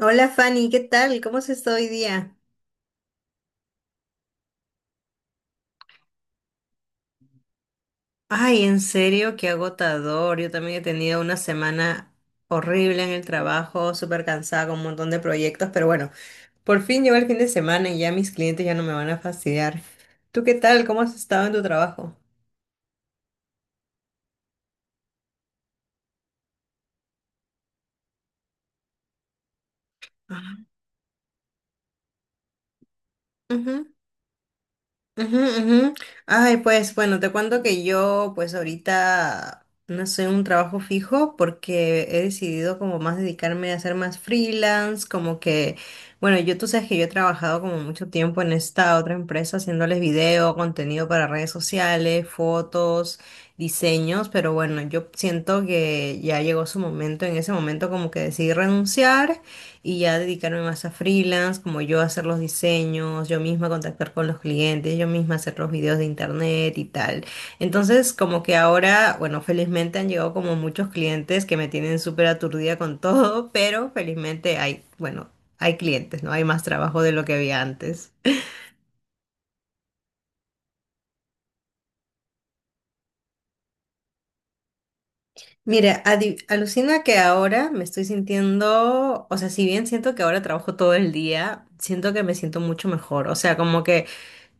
Hola Fanny, ¿qué tal? ¿Cómo se está hoy día? Ay, en serio, qué agotador. Yo también he tenido una semana horrible en el trabajo, súper cansada con un montón de proyectos, pero bueno, por fin llegó el fin de semana y ya mis clientes ya no me van a fastidiar. ¿Tú qué tal? ¿Cómo has estado en tu trabajo? Ujú, ujú. Ay, pues bueno, te cuento que yo pues ahorita no sé, un trabajo fijo porque he decidido como más dedicarme a hacer más freelance, como que, bueno, yo tú sabes que yo he trabajado como mucho tiempo en esta otra empresa haciéndoles video, contenido para redes sociales, fotos, diseños, pero bueno, yo siento que ya llegó su momento, en ese momento como que decidí renunciar y ya dedicarme más a freelance, como yo hacer los diseños, yo misma contactar con los clientes, yo misma hacer los videos de internet y tal. Entonces, como que ahora, bueno, felizmente han llegado como muchos clientes que me tienen súper aturdida con todo, pero felizmente hay, bueno, hay clientes, ¿no? Hay más trabajo de lo que había antes. Mira, alucina que ahora me estoy sintiendo, o sea, si bien siento que ahora trabajo todo el día, siento que me siento mucho mejor, o sea, como que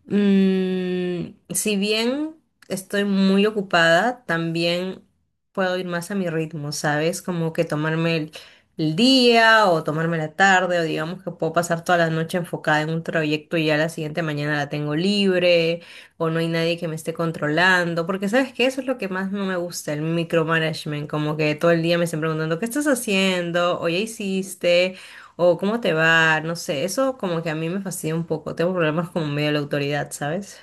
Si bien estoy muy ocupada, también puedo ir más a mi ritmo, ¿sabes? Como que tomarme el día o tomarme la tarde o digamos que puedo pasar toda la noche enfocada en un proyecto y ya la siguiente mañana la tengo libre o no hay nadie que me esté controlando, porque ¿sabes qué? Eso es lo que más no me gusta, el micromanagement, como que todo el día me estén preguntando, ¿qué estás haciendo? ¿O ya hiciste? O cómo te va, no sé, eso como que a mí me fastidia un poco, tengo problemas con medio de la autoridad, ¿sabes?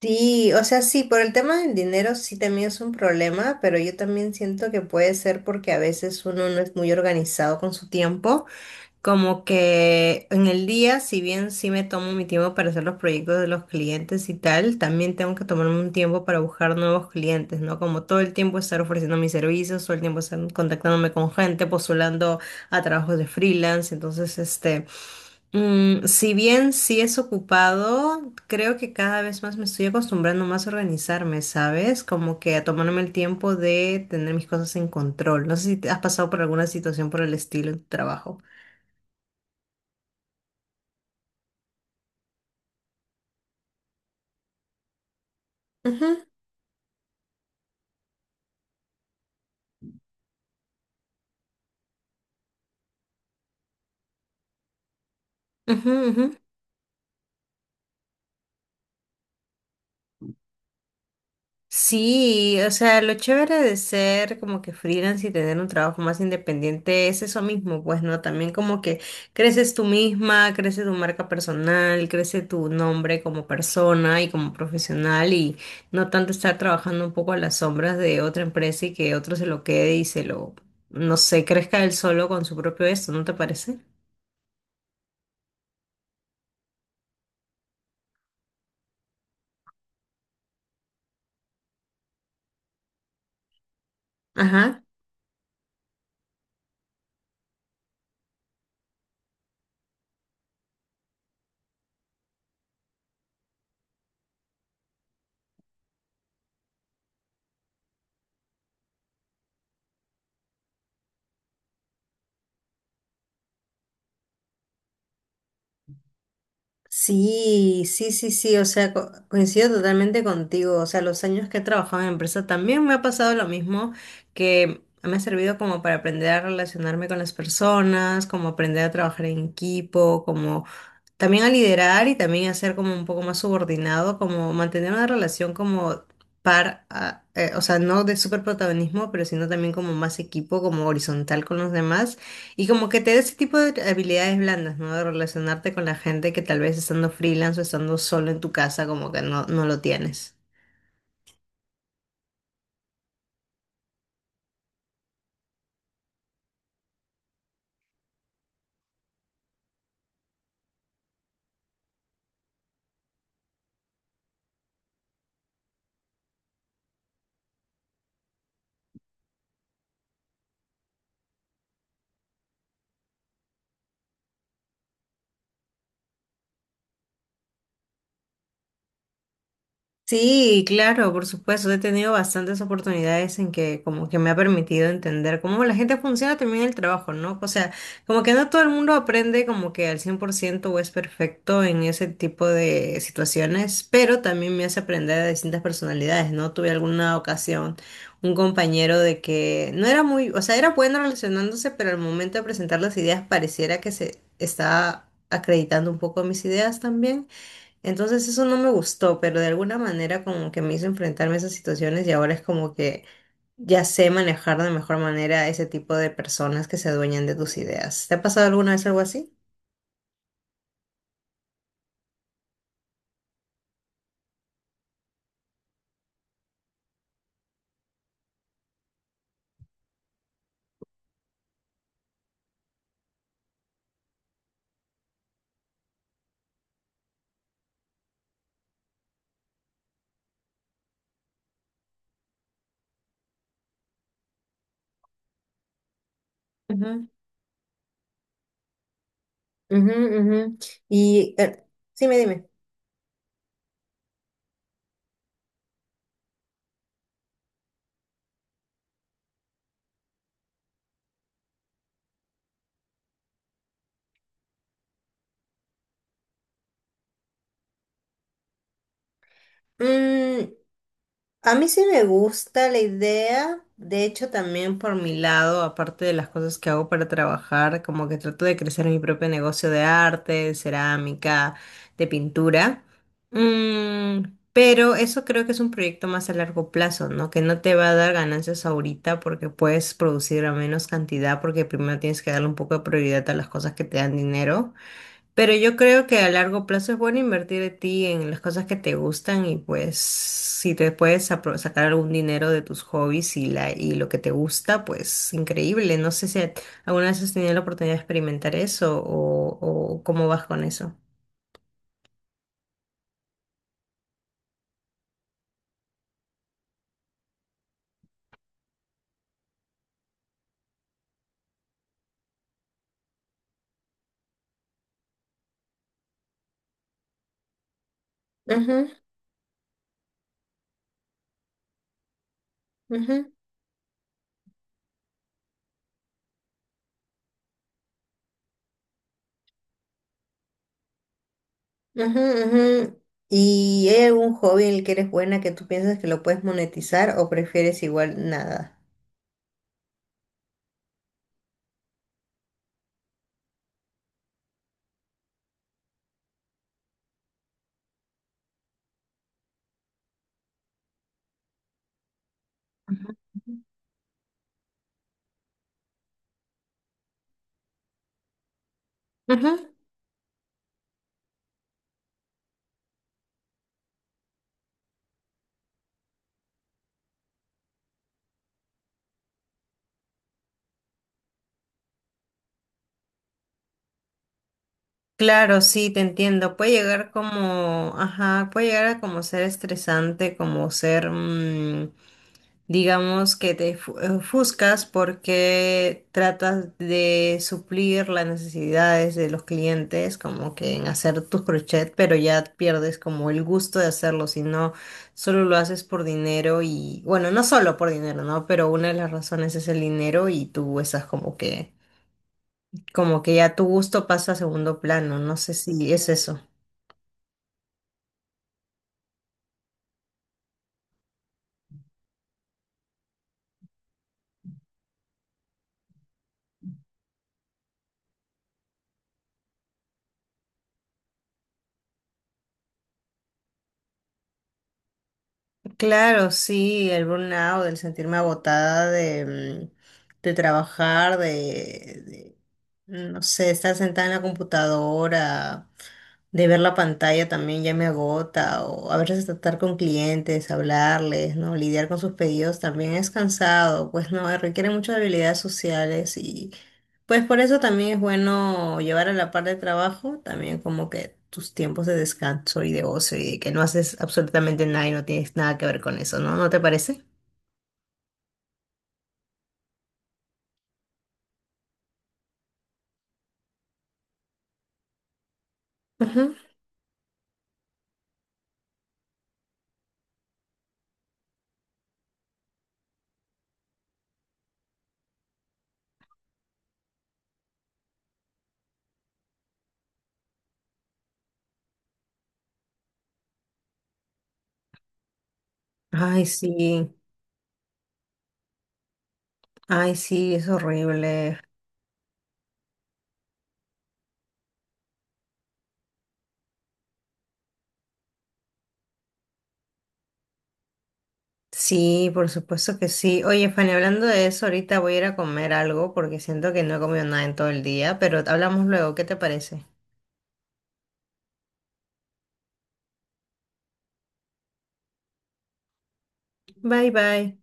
Sí, o sea, sí, por el tema del dinero sí también es un problema, pero yo también siento que puede ser porque a veces uno no es muy organizado con su tiempo. Como que en el día, si bien sí me tomo mi tiempo para hacer los proyectos de los clientes y tal, también tengo que tomarme un tiempo para buscar nuevos clientes, ¿no? Como todo el tiempo estar ofreciendo mis servicios, todo el tiempo estar contactándome con gente, postulando a trabajos de freelance. Entonces, este, si bien sí es ocupado, creo que cada vez más me estoy acostumbrando más a organizarme, ¿sabes? Como que a tomarme el tiempo de tener mis cosas en control. No sé si te has pasado por alguna situación por el estilo en tu trabajo. Ujú, ujú. Sí, o sea, lo chévere de ser como que freelance y tener un trabajo más independiente es eso mismo, pues, ¿no? También como que creces tú misma, crece tu marca personal, crece tu nombre como persona y como profesional y no tanto estar trabajando un poco a las sombras de otra empresa y que otro se lo quede y se lo, no sé, crezca él solo con su propio esto, ¿no te parece? Ajá. Sí, sí, sí, sí, o sea, coincido totalmente contigo, o sea, los años que he trabajado en empresa también me ha pasado lo mismo, que me ha servido como para aprender a relacionarme con las personas, como aprender a trabajar en equipo, como también a liderar y también a ser como un poco más subordinado, como mantener una relación como par, o sea, no de súper protagonismo, pero sino también como más equipo, como horizontal con los demás y como que te dé ese tipo de habilidades blandas, ¿no? De relacionarte con la gente que tal vez estando freelance o estando solo en tu casa, como que no, no lo tienes. Sí, claro, por supuesto. He tenido bastantes oportunidades en que como que me ha permitido entender cómo la gente funciona también en el trabajo, ¿no? O sea, como que no todo el mundo aprende como que al 100% o es perfecto en ese tipo de situaciones, pero también me hace aprender a distintas personalidades, ¿no? Tuve alguna ocasión un compañero de que no era muy, o sea, era bueno relacionándose, pero al momento de presentar las ideas pareciera que se estaba acreditando un poco mis ideas también. Entonces eso no me gustó, pero de alguna manera como que me hizo enfrentarme a esas situaciones y ahora es como que ya sé manejar de mejor manera a ese tipo de personas que se adueñan de tus ideas. ¿Te ha pasado alguna vez algo así? Ujú, ujú, ujú. Y sí, me dime. A mí sí me gusta la idea, de hecho también por mi lado, aparte de las cosas que hago para trabajar, como que trato de crecer mi propio negocio de arte, de cerámica, de pintura. Mm, pero eso creo que es un proyecto más a largo plazo, ¿no? Que no te va a dar ganancias ahorita porque puedes producir a menos cantidad porque primero tienes que darle un poco de prioridad a las cosas que te dan dinero. Pero yo creo que a largo plazo es bueno invertir de ti en las cosas que te gustan y pues si te puedes sacar algún dinero de tus hobbies y lo que te gusta, pues increíble. No sé si alguna vez has tenido la oportunidad de experimentar eso o cómo vas con eso. Ujú, ujú, ujú, ujú. ¿Y hay algún hobby en el que eres buena que tú piensas que lo puedes monetizar o prefieres igual nada? Claro, sí, te entiendo. Puede llegar como, ajá, puede llegar a como ser estresante, como ser, digamos, que ofuscas porque tratas de suplir las necesidades de los clientes, como que en hacer tus crochet, pero ya pierdes como el gusto de hacerlo, si no, solo lo haces por dinero y, bueno, no solo por dinero, ¿no? Pero una de las razones es el dinero y tú estás como que ya tu gusto pasa a segundo plano, no sé si es eso. Claro, sí, el burnout, el sentirme agotada de, de trabajar, de, no sé, estar sentada en la computadora, de ver la pantalla también ya me agota, o a veces tratar con clientes, hablarles, ¿no? Lidiar con sus pedidos también es cansado, pues no, requiere muchas habilidades sociales pues por eso también es bueno llevar a la par de trabajo, también como que tus tiempos de descanso y de ocio y de que no haces absolutamente nada y no tienes nada que ver con eso, ¿no? ¿No te parece? Ujú. Ay, sí, ay, sí, es horrible. Sí, por supuesto que sí. Oye, Fanny, hablando de eso, ahorita voy a ir a comer algo porque siento que no he comido nada en todo el día, pero hablamos luego, ¿qué te parece? Bye, bye.